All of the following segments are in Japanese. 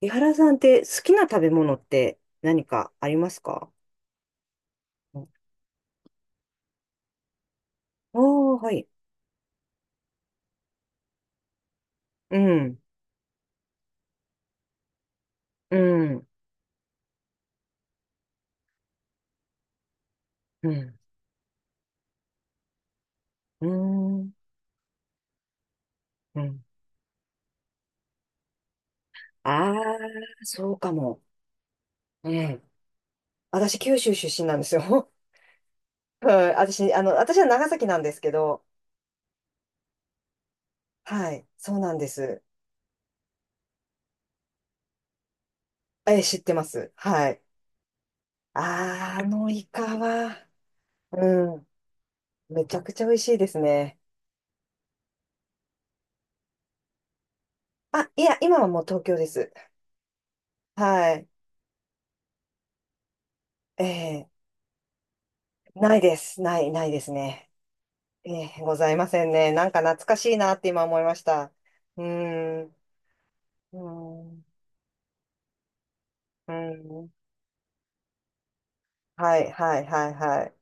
井原さんって好きな食べ物って何かありますか？ああー、はい。うん、うん、うん、うん、うん。ああ、そうかも。ねえ。私、九州出身なんですよ。はい。私、私は長崎なんですけど、はい。そうなんです。え、知ってます。はい。あーあのイカは、うん。めちゃくちゃ美味しいですね。あ、いや、今はもう東京です。はい。ええないです。ないですね。ええ、ございませんね。なんか懐かしいなって今思いました。うーん、うーん、うーん。はい、はい、はい、はい。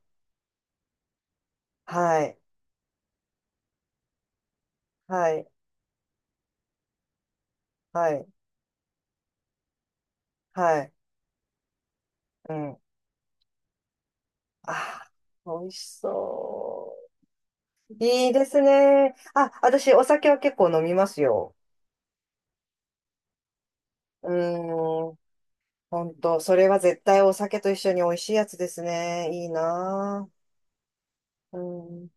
はい、はい、はい、はい。うん。あー、美味しそう。いいですね。あ、私、お酒は結構飲みますよ。うーん、ほんと、それは絶対お酒と一緒に美味しいやつですね。いいなぁ。うん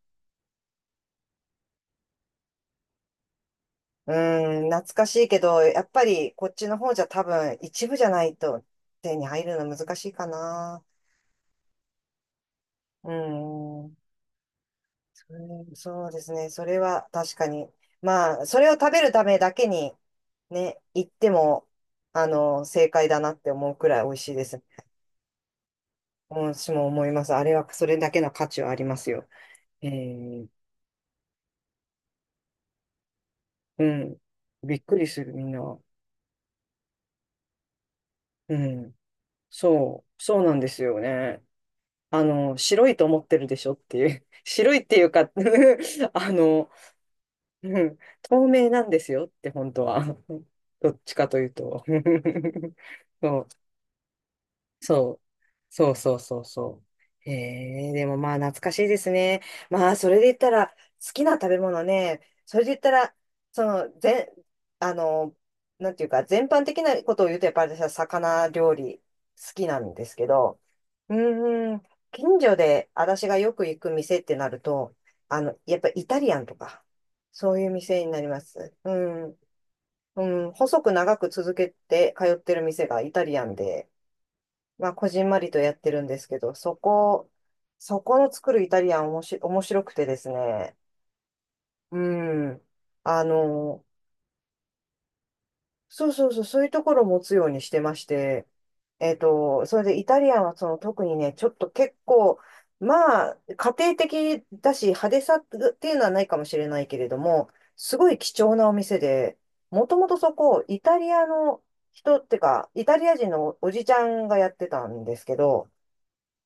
うーん、懐かしいけど、やっぱりこっちの方じゃ多分一部じゃないと手に入るの難しいかな。うーん、それそうですね。それは確かに。まあ、それを食べるためだけにね、行っても、正解だなって思うくらい美味しいです。私も思います。あれはそれだけの価値はありますよ。えー、うん。びっくりする、みんな。うん。そうなんですよね。あの、白いと思ってるでしょっていう。白いっていうか あの、うん、透明なんですよって、本当は。どっちかというと。そう、そう、そうそうそうそう。へえ、でもまあ懐かしいですね。まあ、それで言ったら、好きな食べ物ね、それで言ったら、その、全、あの、なんていうか、全般的なことを言うと、やっぱり私は魚料理好きなんですけど、うーん。近所で私がよく行く店ってなると、やっぱイタリアンとか、そういう店になります。うん。うん。細く長く続けて通ってる店がイタリアンで、まあ、こじんまりとやってるんですけど、そこの作るイタリアンおもし、面白くてですね。うん。あの、そうそうそう、そういうところを持つようにしてまして、えっと、それでイタリアンはその特にね、ちょっと結構、まあ、家庭的だし、派手さっていうのはないかもしれないけれども、すごい貴重なお店で、もともとそこ、イタリアの人ってか、イタリア人のおじちゃんがやってたんですけど、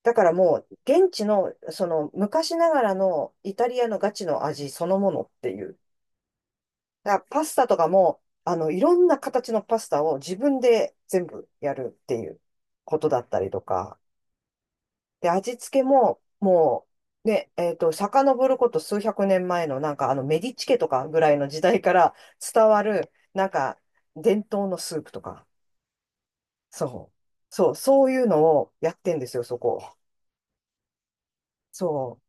だからもう、現地の、その、昔ながらのイタリアのガチの味そのものっていう。だからパスタとかも、いろんな形のパスタを自分で全部やるっていうことだったりとか。で、味付けももう、ね、えっと、遡ること数百年前の、なんか、メディチ家とかぐらいの時代から伝わる、なんか、伝統のスープとか。そう。そう、そういうのをやってんですよ、そこ。そう。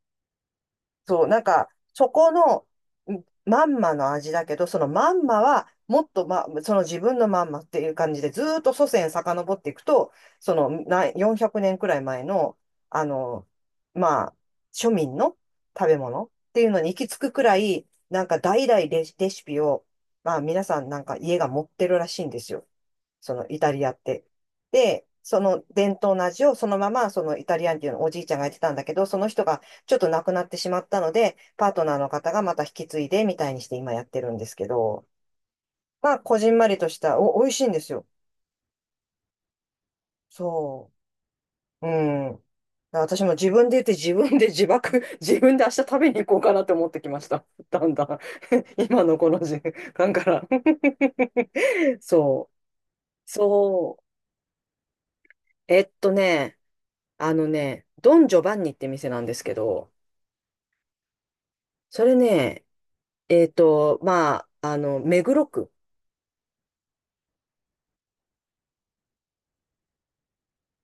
そう、なんか、そこのんまんまの味だけど、そのまんまは、もっと、ま、その自分のまんまっていう感じで、ずーっと祖先遡っていくと、そのな400年くねんくらい前の、あの、まあ、庶民の食べ物っていうのに行き着くくらい、なんか代々レシピを、まあ皆さんなんか家が持ってるらしいんですよ。そのイタリアって。で、その伝統の味をそのまま、そのイタリアンっていうのをおじいちゃんがやってたんだけど、その人がちょっと亡くなってしまったので、パートナーの方がまた引き継いでみたいにして今やってるんですけど、まあ、こじんまりとした、美味しいんですよ。そう。うん。私も自分で言って自分で自爆、自分で明日食べに行こうかなって思ってきました。だんだん 今のこの時間から そう。そう。えっとね、あのね、ドン・ジョバンニって店なんですけど、それね、目黒区。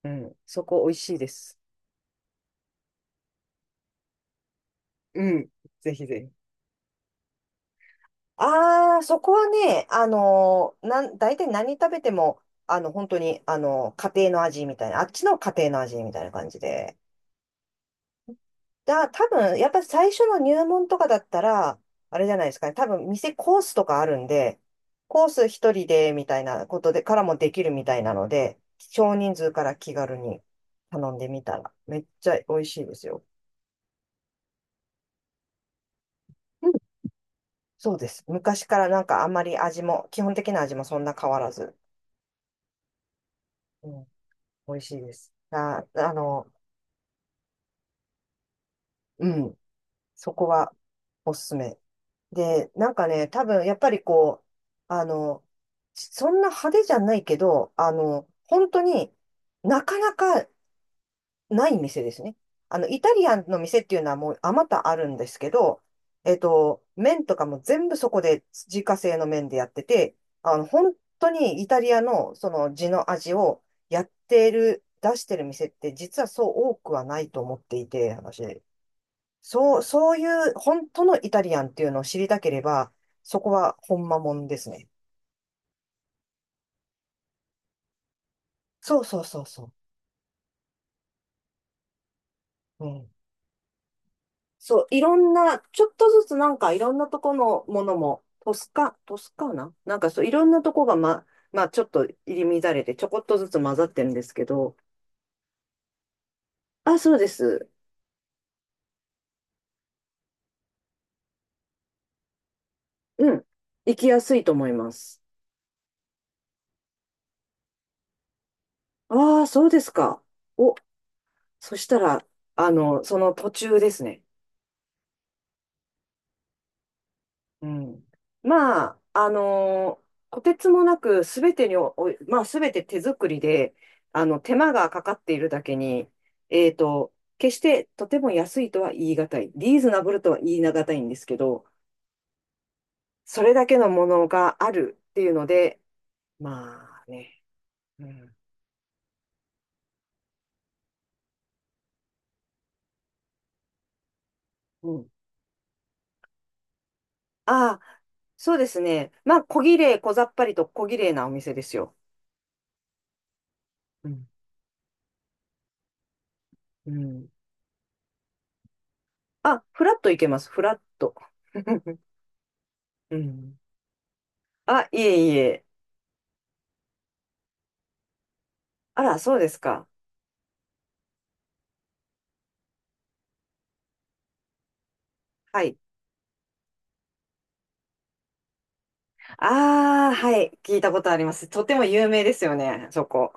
うん、そこ美味しいです。うん。ぜひぜひ。ああ、そこはね、あのー、なん、大体何食べても、本当に、家庭の味みたいな、あっちの家庭の味みたいな感じで。だ、多分、やっぱ最初の入門とかだったら、あれじゃないですかね。多分、店コースとかあるんで、コース一人で、みたいなことで、からもできるみたいなので、少人数から気軽に頼んでみたら、めっちゃ美味しいですよ。うんそうです。昔からなんかあんまり味も、基本的な味もそんな変わらず、うん、美味しいです。あ、うん、そこはおすすめ。で、なんかね、多分やっぱりこう、あの、そんな派手じゃないけど、本当になかなかない店ですね。あの、イタリアンの店っていうのはもうあまたあるんですけど、えっと、麺とかも全部そこで自家製の麺でやってて、本当にイタリアのその地の味をやってる、出してる店って実はそう多くはないと思っていて、私。そう、そういう本当のイタリアンっていうのを知りたければ、そこは本間もんですね。そうそうそうそう。うん。そう、いろんな、ちょっとずつなんかいろんなとこのものも、トスカーナなんかそう、いろんなとこがま、まあちょっと入り乱れてちょこっとずつ混ざってるんですけど、あ、そうです。うん。行きやすいと思います。ああ、そうですか。お、そしたら、その途中ですね。うん。まあ、あのーとてつもなくすべてにまあ、すべて手作りで、手間がかかっているだけに、えっと、決してとても安いとは言い難い、リーズナブルとは言い難いんですけど、それだけのものがあるっていうので、まあね、うん。うん。ああ、そうですね。まあ、小綺麗、小ざっぱりと小綺麗なお店ですよ。うん。うん。あ、フラットいけます、フラット。うん。あ、いえいえ。あら、そうですか。はい。ああ、はい。聞いたことあります。とても有名ですよね、そこ。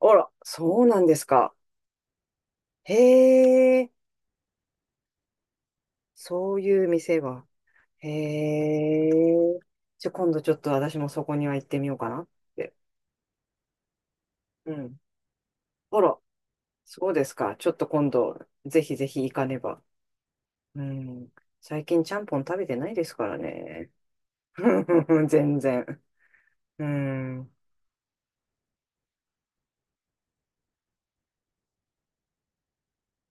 あら、そうなんですか。へえ、そういう店が。へえ。じゃ、今度ちょっと私もそこには行ってみようかなって。うん。あら、そうですか。ちょっと今度、ぜひぜひ行かねば。うん。最近ちゃんぽん食べてないですからね。全然。うん。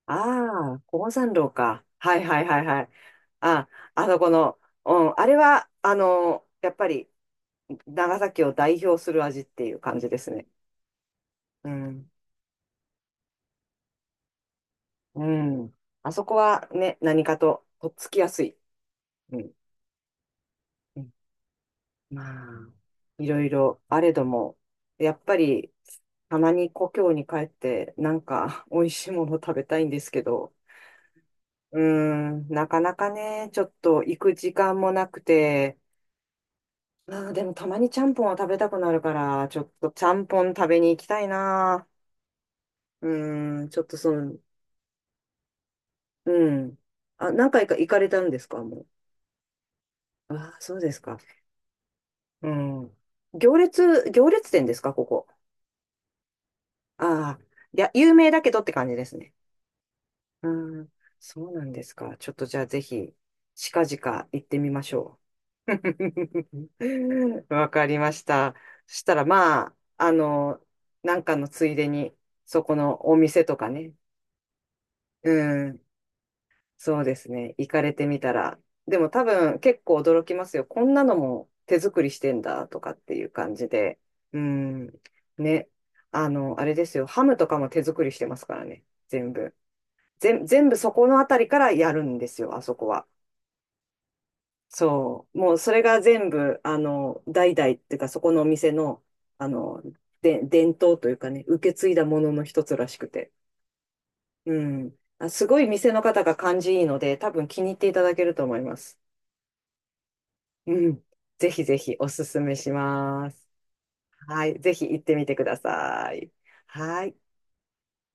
ああ、高山楼か。はいはいはいはい。あ、あのこの、うん、あれは、やっぱり、長崎を代表する味っていう感じですね。うん。うん。あそこはね、何かと、とっつきやすい。うん。うんまあ、いろいろあれども、やっぱり、たまに故郷に帰って、なんか、美味しいもの食べたいんですけど、うーん、なかなかね、ちょっと行く時間もなくて、あー、でもたまにちゃんぽんは食べたくなるから、ちょっとちゃんぽん食べに行きたいな。うーん、ちょっとその、うん。あ、何回か行かれたんですか、もう？ああ、そうですか。うん。行列店ですか、ここ？ああ、いや、有名だけどって感じですね。うん、そうなんですか？ちょっとじゃあぜひ、近々行ってみましょう。わかりました。そしたらまあ、なんかのついでに、そこのお店とかね。うん、そうですね。行かれてみたら。でも多分結構驚きますよ。こんなのも手作りしてんだとかっていう感じで。うん、ね。あの、あれですよ。ハムとかも手作りしてますからね。全部。全部そこのあたりからやるんですよ、あそこは。そう。もうそれが全部、代々っていうか、そこのお店の、あの、で、伝統というかね、受け継いだものの一つらしくて。うん。あ、すごい店の方が感じいいので、多分気に入っていただけると思います。うん。ぜひぜひおすすめします。はい。ぜひ行ってみてください。はい。